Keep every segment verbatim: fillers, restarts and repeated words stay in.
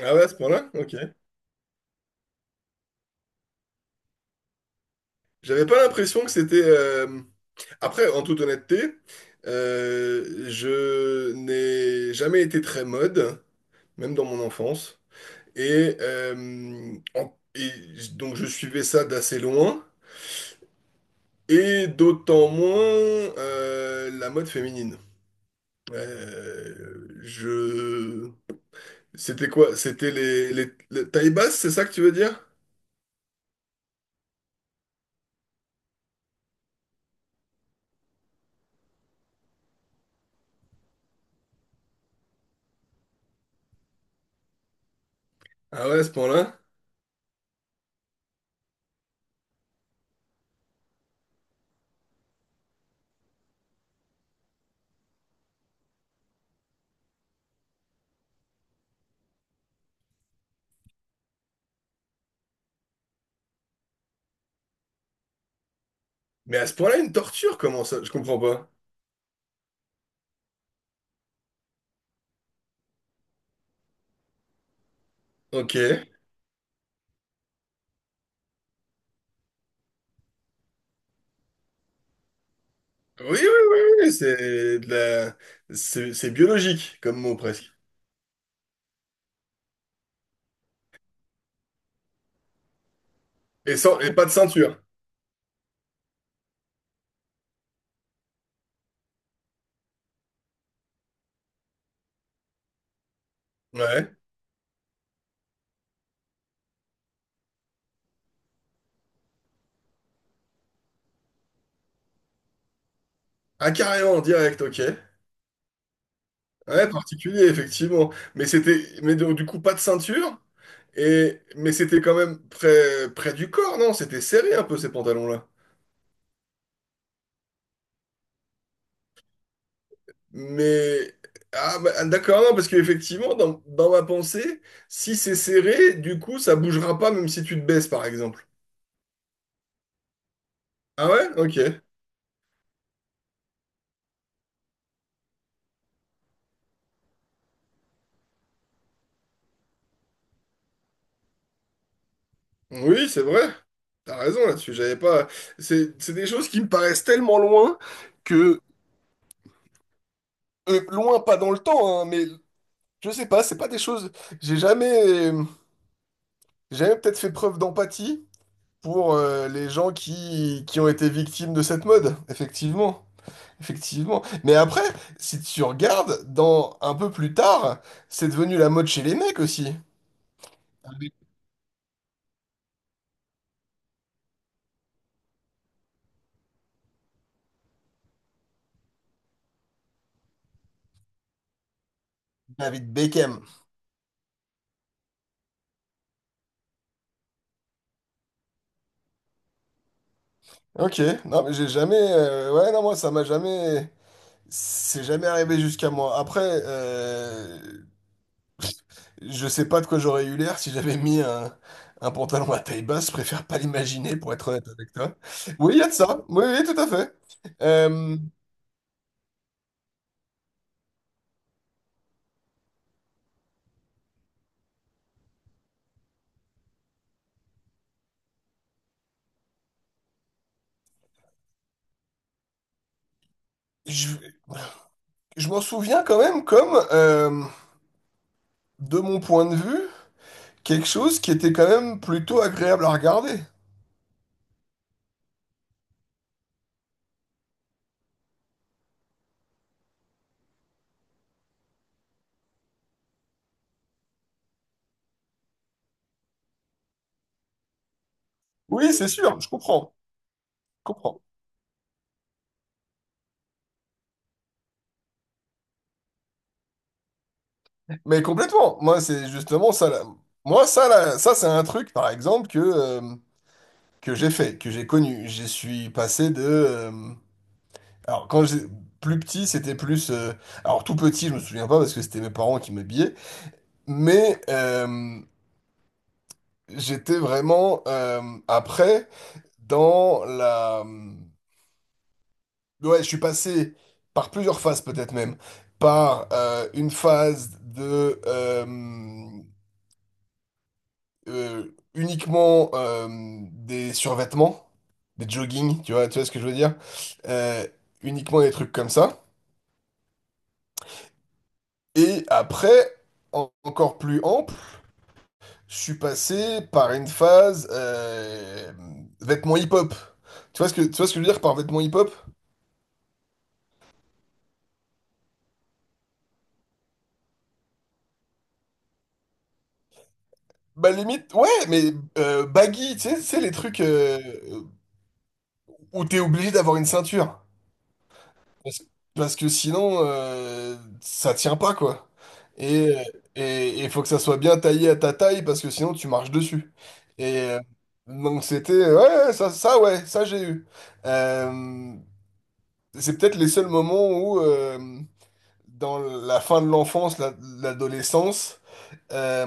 Ah ouais, à ce point-là? Ok. J'avais pas l'impression que c'était. euh, Après, en toute honnêteté, euh, je n'ai jamais été très mode, même dans mon enfance. Et, euh, en- et donc je suivais ça d'assez loin, et d'autant moins euh, la mode féminine. Euh, je... C'était quoi? C'était les, les, les tailles basses, c'est ça que tu veux dire? Ah ouais, à ce point-là? Mais à ce point-là, une torture, comment ça? Je comprends pas. Ok. Oui, oui, oui, oui, oui, c'est de la. C'est c'est biologique comme mot presque. Et, sans... et pas de ceinture. Ouais. Ah, carrément, en direct, ok. Ouais, particulier, effectivement. Mais c'était, mais donc, du coup, pas de ceinture. Et. Mais c'était quand même près... près du corps, non? C'était serré un peu ces pantalons-là. Mais. Ah, bah, d'accord, non, parce qu'effectivement, dans... dans ma pensée, si c'est serré, du coup, ça bougera pas même si tu te baisses, par exemple. Ah ouais? Ok. Oui, c'est vrai. T'as raison là-dessus, j'avais pas. C'est c'est des choses qui me paraissent tellement loin que. Euh, loin, pas dans le temps, hein, mais je sais pas, c'est pas des choses. J'ai jamais. J'ai jamais peut-être fait preuve d'empathie pour euh, les gens qui... qui ont été victimes de cette mode, effectivement. Effectivement. Mais après, si tu regardes, dans un peu plus tard, c'est devenu la mode chez les mecs aussi. Avec David Beckham. Ok, non, mais j'ai jamais. euh, Ouais, non, moi, ça m'a jamais. C'est jamais arrivé jusqu'à moi. Après, euh, je sais pas de quoi j'aurais eu l'air si j'avais mis un, un pantalon à taille basse. Je préfère pas l'imaginer, pour être honnête avec toi. Oui, il y a de ça. Oui, oui, tout à fait. Euh, je je m'en souviens quand même comme, euh, de mon point de vue, quelque chose qui était quand même plutôt agréable à regarder. Oui, c'est sûr, je comprends, je comprends. Mais complètement. Moi, c'est justement ça. Là. Moi, ça, là, ça, c'est un truc, par exemple, que euh, que j'ai fait, que j'ai connu. Je suis passé de. Euh, alors, quand j'ai. Plus petit, c'était plus. Euh, alors, tout petit, je me souviens pas parce que c'était mes parents qui m'habillaient. Mais euh, j'étais vraiment. Euh, après, dans la. euh, Ouais, je suis passé par plusieurs phases peut-être même. Par euh, une phase de. euh, euh, Uniquement euh, des survêtements, des joggings, tu vois, tu vois ce que je veux dire? Euh, Uniquement des trucs comme ça. Et après, en- encore plus ample, je suis passé par une phase euh, vêtements hip-hop. Tu vois ce que, tu vois ce que je veux dire par vêtements hip-hop? Bah limite, ouais, mais euh, baggy, tu sais, tu sais, les trucs euh, où t'es obligé d'avoir une ceinture. Parce, parce que sinon, euh, ça tient pas, quoi. Et euh, et il faut que ça soit bien taillé à ta taille, parce que sinon, tu marches dessus. Et euh, donc c'était, ouais, ouais, ça, ça, ouais, ça j'ai eu. Euh, C'est peut-être les seuls moments où, euh, dans la fin de l'enfance, la- l'adolescence, euh,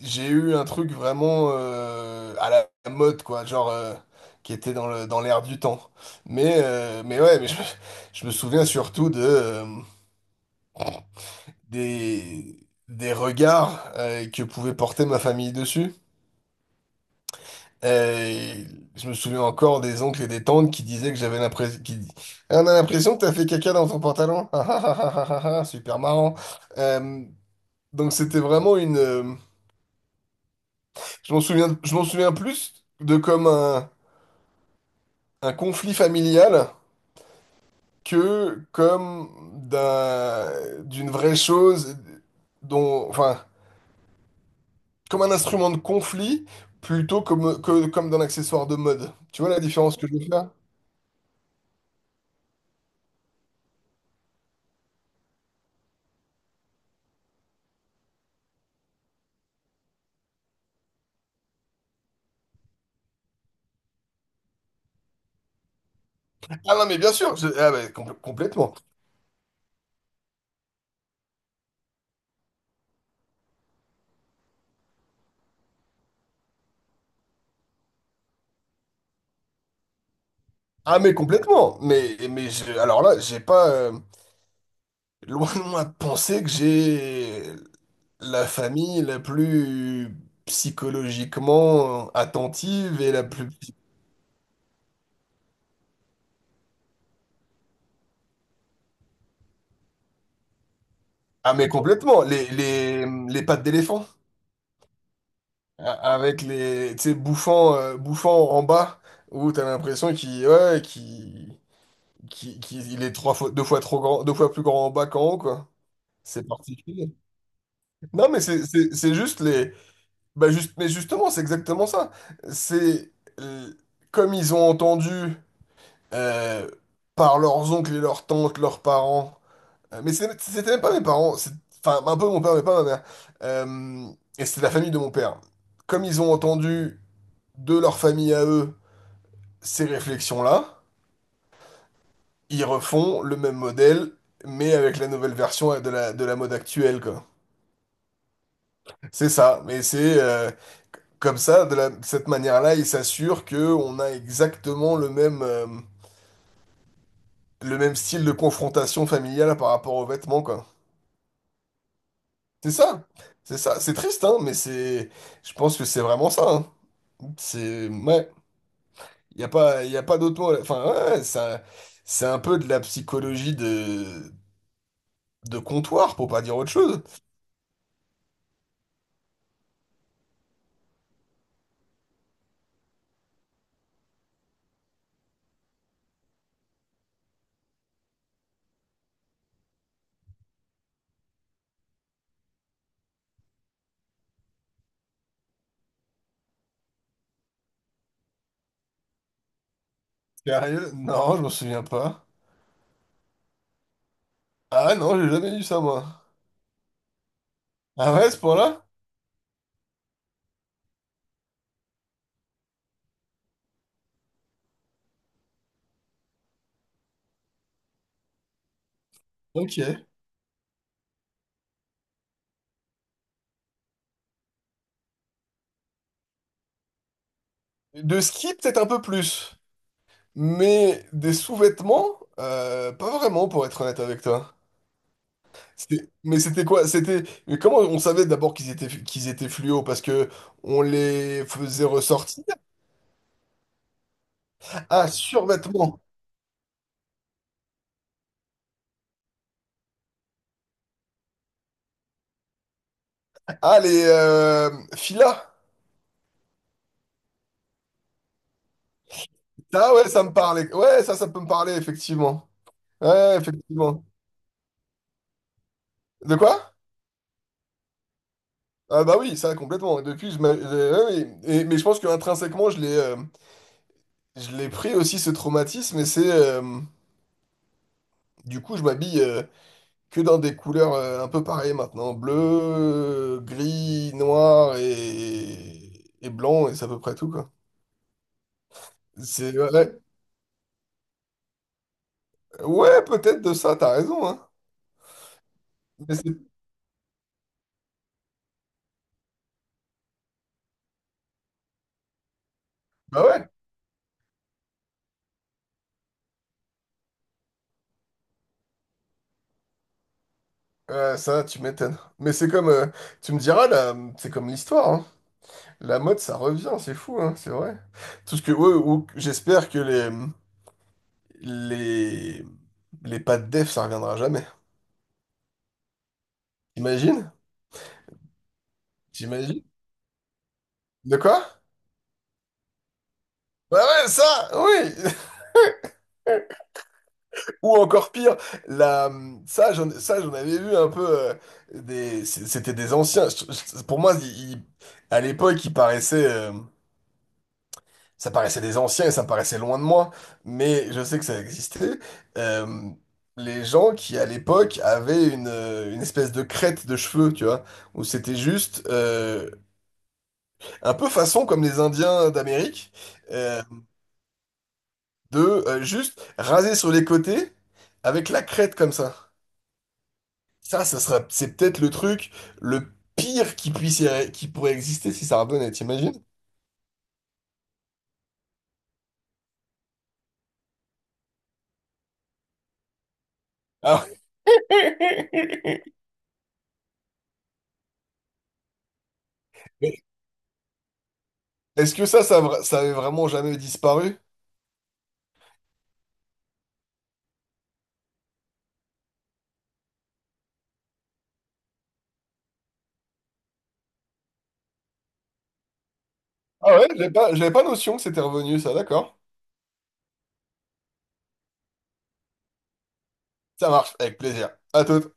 j'ai eu un truc vraiment euh, à la mode, quoi, genre euh, qui était dans le, dans l'air du temps. Mais, euh, mais ouais, mais je, je me souviens surtout de, euh, des, des regards euh, que pouvait porter ma famille dessus. Et je me souviens encore des oncles et des tantes qui disaient que j'avais l'impression. Qui. Ah, on a l'impression que t'as fait caca dans ton pantalon. Ah, ah, ah, ah, ah, ah, ah, super marrant. Euh, donc c'était vraiment une. euh, Je m'en souviens, je m'en souviens plus de comme un, un conflit familial que comme d'un, d'une vraie chose dont. Enfin, comme un instrument de conflit plutôt comme, que, comme d'un accessoire de mode. Tu vois la différence que je veux faire? Ah non, mais bien sûr, je- ah, bah, compl- complètement. Ah mais complètement. Mais, mais je- alors là, j'ai pas euh, loin de moi de penser que j'ai la famille la plus psychologiquement attentive et la plus. Ah mais complètement. Les, les, les pattes d'éléphant a- avec les, tu sais, bouffant, euh, bouffant en bas où t'as l'impression qu'il ouais, qu'il, qu'il- qu'il- il est trois fois, deux fois trop grand, deux fois plus grand en bas qu'en haut, quoi. C'est particulier. Non mais c'est c'est- c'est juste. Bah juste, mais justement, c'est exactement ça. C'est euh, comme ils ont entendu euh, par leurs oncles et leurs tantes, leurs parents. Euh, mais c'est- c'était même pas mes parents. c'est- Enfin, un peu mon père, mais pas ma mère. euh, et c'est la famille de mon père. Comme ils ont entendu de leur famille à eux ces réflexions-là, ils refont le même modèle, mais avec la nouvelle version de la, de la mode actuelle, quoi. C'est ça. Mais c'est euh, comme ça, de la- de cette manière-là, il s'assure que on a exactement le même, euh, le même style de confrontation familiale par rapport aux vêtements, quoi. C'est ça, c'est ça. C'est triste, hein, mais c'est, je pense que c'est vraiment ça. Hein. C'est, ouais, il y a pas, il y a pas d'autre mot. Enfin, ouais, ça, c'est un peu de la psychologie de, de comptoir, pour pas dire autre chose. Sérieux? Non, je m'en souviens pas. Ah non, j'ai jamais vu ça, moi. Ah ouais, à ce point-là? Ok. De ski, peut-être un peu plus. Mais des sous-vêtements, euh, pas vraiment pour être honnête avec toi. C'était- Mais c'était quoi? C'était mais comment on savait d'abord qu'ils étaient qu'ils étaient fluo parce que on les faisait ressortir. Ah, survêtements. Ah, les euh, filas. Ah ouais, ça me parlait. Ouais, ça, ça peut me parler effectivement. Ouais, effectivement. De quoi? Ah bah oui, ça complètement. Depuis, je m'a- euh, ouais, oui. Et- mais je pense que intrinsèquement, je l'ai euh, je l'ai pris aussi ce traumatisme et c'est euh, du coup, je m'habille euh, que dans des couleurs euh, un peu pareilles maintenant. Bleu, euh, gris, noir et, et blanc, et c'est à peu près tout, quoi. C'est, ouais, ouais, peut-être de ça, t'as raison, hein. Mais c'est- bah ouais, euh, ça, tu m'étonnes. Mais c'est comme, euh, tu me diras, là, c'est comme l'histoire, hein. La mode, ça revient, c'est fou, hein, c'est vrai. Tout ce que, ouais, ou- j'espère que les, les, les pas de def, ça reviendra jamais. T'imagines? T'imagines? De quoi? Bah ouais, ça, oui! Ou encore pire, la, ça, j'en, ça, j'en avais vu un peu. euh, des, c'est- C'était des anciens. Je- je- Pour moi, il- il- à l'époque, il paraissait, euh, ça paraissait des anciens et ça paraissait loin de moi. Mais je sais que ça existait. Euh, les gens qui, à l'époque, avaient une, euh, une espèce de crête de cheveux, tu vois, où c'était juste euh, un peu façon comme les Indiens d'Amérique, euh, de euh, juste raser sur les côtés avec la crête comme ça. Ça, ça sera, c'est peut-être le truc le pire qui puisse, qui pourrait exister si ça revenait, t'imagines? Ah ouais. Mais est-ce que ça, ça, vra- ça avait vraiment jamais disparu? Ah ouais, j'avais pas, j'avais pas notion que c'était revenu, ça, d'accord. Ça marche, avec plaisir. À tout.